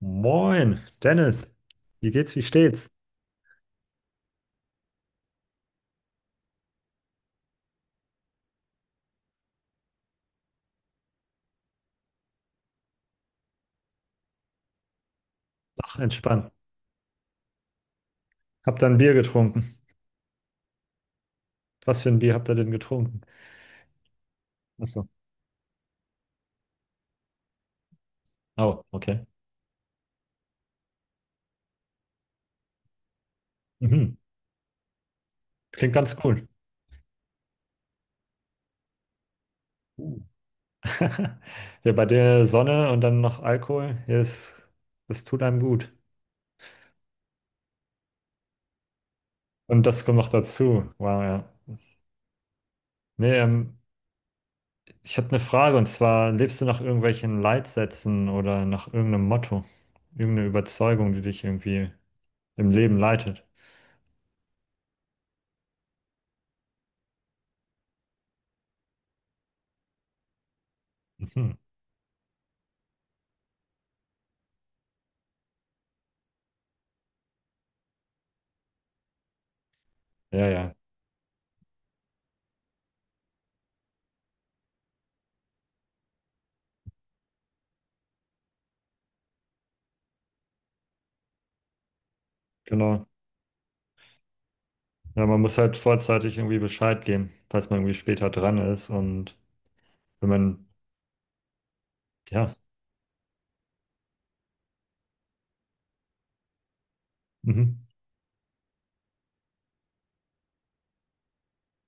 Moin, Dennis. Wie geht's, wie steht's? Ach, entspannt. Habt da ein Bier getrunken? Was für ein Bier habt ihr denn getrunken? Ach so. Oh, okay. Mhm. Klingt ganz cool. Uh. Ja, bei der Sonne und dann noch Alkohol, ja, das, das tut einem gut. Und das kommt noch dazu. Wow, ja. Nee, ich habe eine Frage und zwar, lebst du nach irgendwelchen Leitsätzen oder nach irgendeinem Motto? Irgendeine Überzeugung, die dich irgendwie im Leben leitet? Mhm. Ja, ja, genau. Ja, man muss halt vorzeitig irgendwie Bescheid geben, falls man irgendwie später dran ist. Und wenn man, ja, mhm.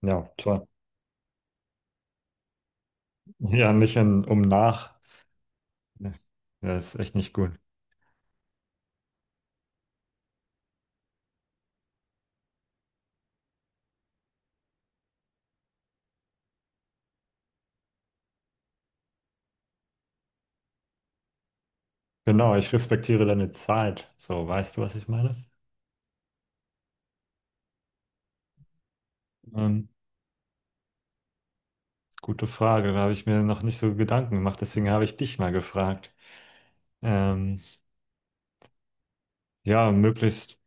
Ja, toll. Ja, nicht in, um nach. Ja, das ist echt nicht gut. Genau, ich respektiere deine Zeit. So, weißt du, was ich meine? Ähm, gute Frage, da habe ich mir noch nicht so Gedanken gemacht, deswegen habe ich dich mal gefragt. Ähm, ja, möglichst,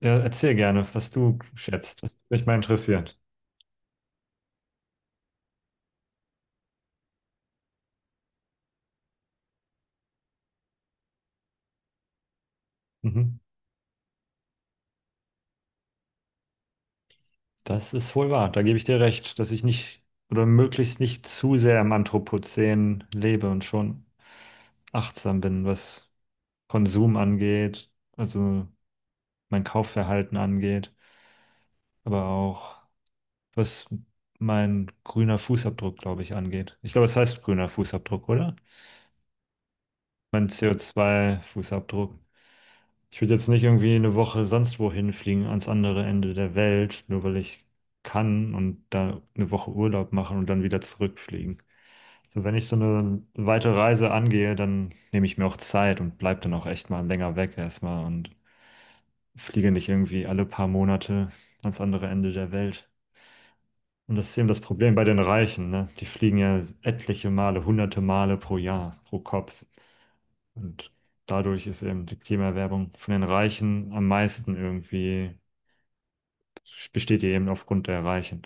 ja, erzähl gerne, was du schätzt. Das würde mich mal interessieren. Mhm. Das ist wohl wahr. Da gebe ich dir recht, dass ich nicht oder möglichst nicht zu sehr im Anthropozän lebe und schon achtsam bin, was Konsum angeht, also mein Kaufverhalten angeht, aber auch was mein grüner Fußabdruck, glaube ich, angeht. Ich glaube, es heißt grüner Fußabdruck, oder? Mein CO2-Fußabdruck. Ich würde jetzt nicht irgendwie eine Woche sonst wohin fliegen, ans andere Ende der Welt, nur weil ich kann und da eine Woche Urlaub machen und dann wieder zurückfliegen. So, wenn ich so eine weite Reise angehe, dann nehme ich mir auch Zeit und bleib dann auch echt mal länger weg erstmal und fliege nicht irgendwie alle paar Monate ans andere Ende der Welt. Und das ist eben das Problem bei den Reichen, ne? Die fliegen ja etliche Male, hunderte Male pro Jahr, pro Kopf. Und dadurch ist eben die Klimaerwärmung von den Reichen am meisten irgendwie, besteht die eben aufgrund der Reichen.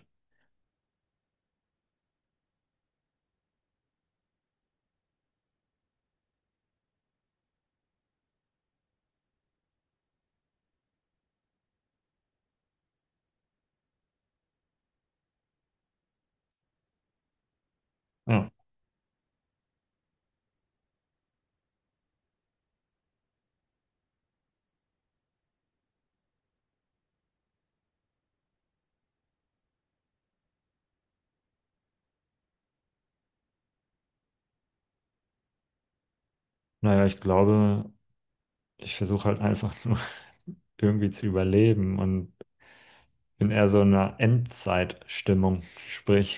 Ja, naja, ich glaube, ich versuche halt einfach nur irgendwie zu überleben und bin eher so in einer Endzeitstimmung. Sprich,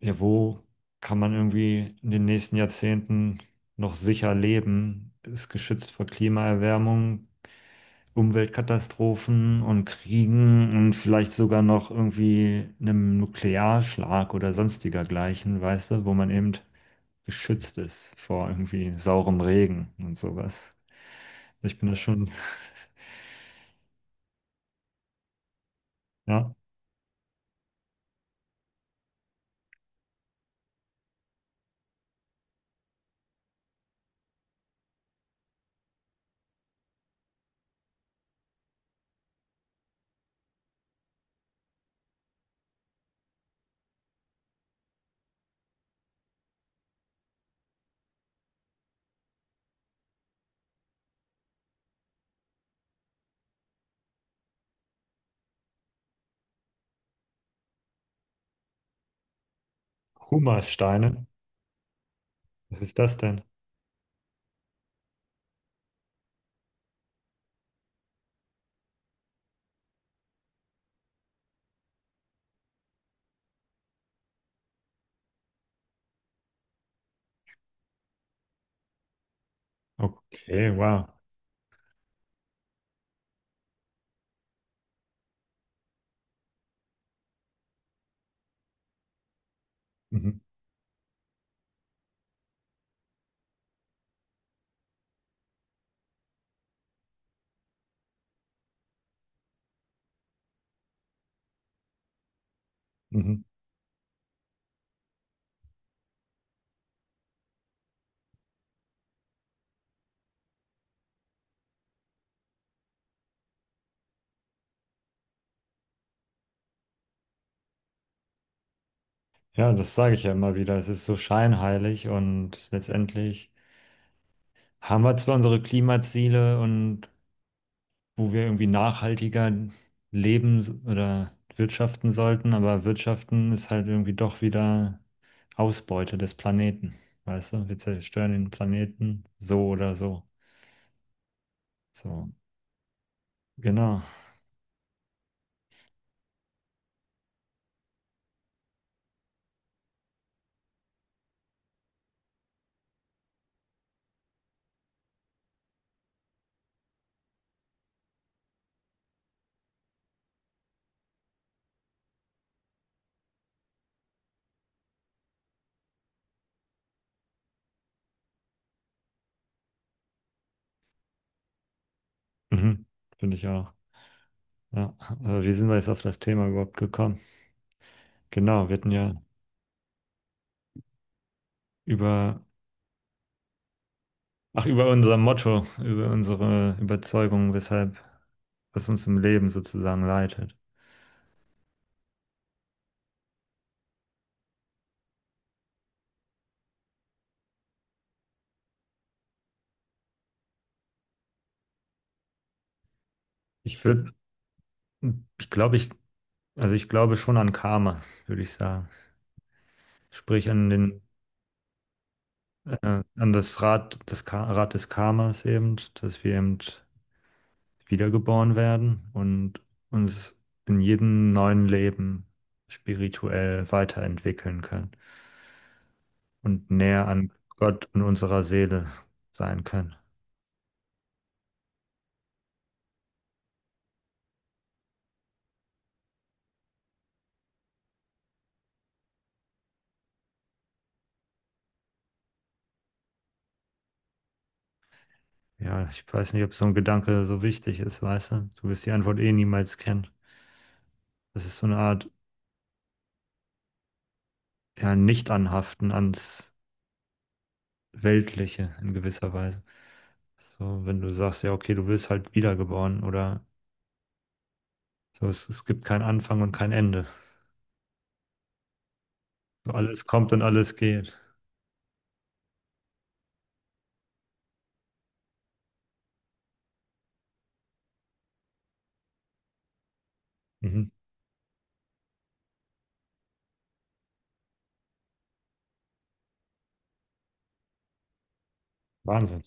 ja, wo kann man irgendwie in den nächsten Jahrzehnten noch sicher leben? Ist geschützt vor Klimaerwärmung, Umweltkatastrophen und Kriegen und vielleicht sogar noch irgendwie einem Nuklearschlag oder sonstiger gleichen, weißt du, wo man eben geschützt ist vor irgendwie saurem Regen und sowas. Ich bin da schon, ja, Humersteine. Was ist das denn? Okay, wow. Mhm. Mhm. Ja, das sage ich ja immer wieder. Es ist so scheinheilig und letztendlich haben wir zwar unsere Klimaziele und wo wir irgendwie nachhaltiger leben s- oder wirtschaften sollten, aber wirtschaften ist halt irgendwie doch wieder Ausbeute des Planeten. Weißt du, wir zerstören den Planeten so oder so. So, genau. Mhm. Finde ich auch. Ja, aber wie sind wir jetzt auf das Thema überhaupt gekommen? Genau, wir hatten ja über, ach, über unser Motto, über unsere Überzeugung, weshalb, was uns im Leben sozusagen leitet. Ich würde, ich glaube, ich, also ich glaube schon an Karma, würde ich sagen. Sprich an den, an das Rad, das Ka Rad des Karmas eben, dass wir eben wiedergeboren werden und uns in jedem neuen Leben spirituell weiterentwickeln können und näher an Gott und unserer Seele sein können. Ja, ich weiß nicht, ob so ein Gedanke so wichtig ist, weißt du? Du wirst die Antwort eh niemals kennen. Das ist so eine Art, ja, Nicht-Anhaften ans Weltliche in gewisser Weise. So, wenn du sagst, ja, okay, du wirst halt wiedergeboren oder so, es gibt keinen Anfang und kein Ende. So, alles kommt und alles geht. Mhm. Wahnsinn.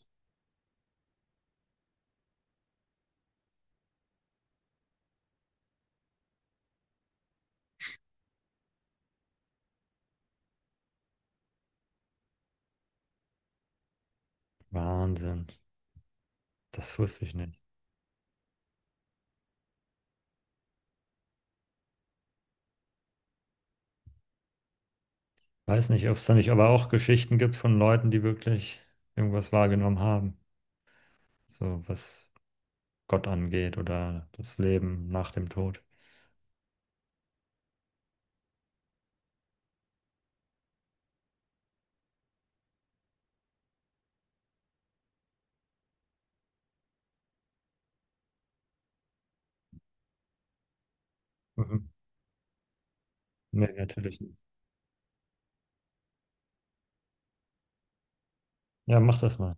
Wahnsinn. Das wusste ich nicht. Weiß nicht, ob es da nicht aber auch Geschichten gibt von Leuten, die wirklich irgendwas wahrgenommen haben. So, was Gott angeht oder das Leben nach dem Tod. Mhm. Nee, natürlich nicht. Ja, mach das mal.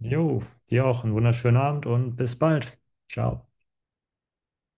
Jo, dir auch einen wunderschönen Abend und bis bald. Ciao.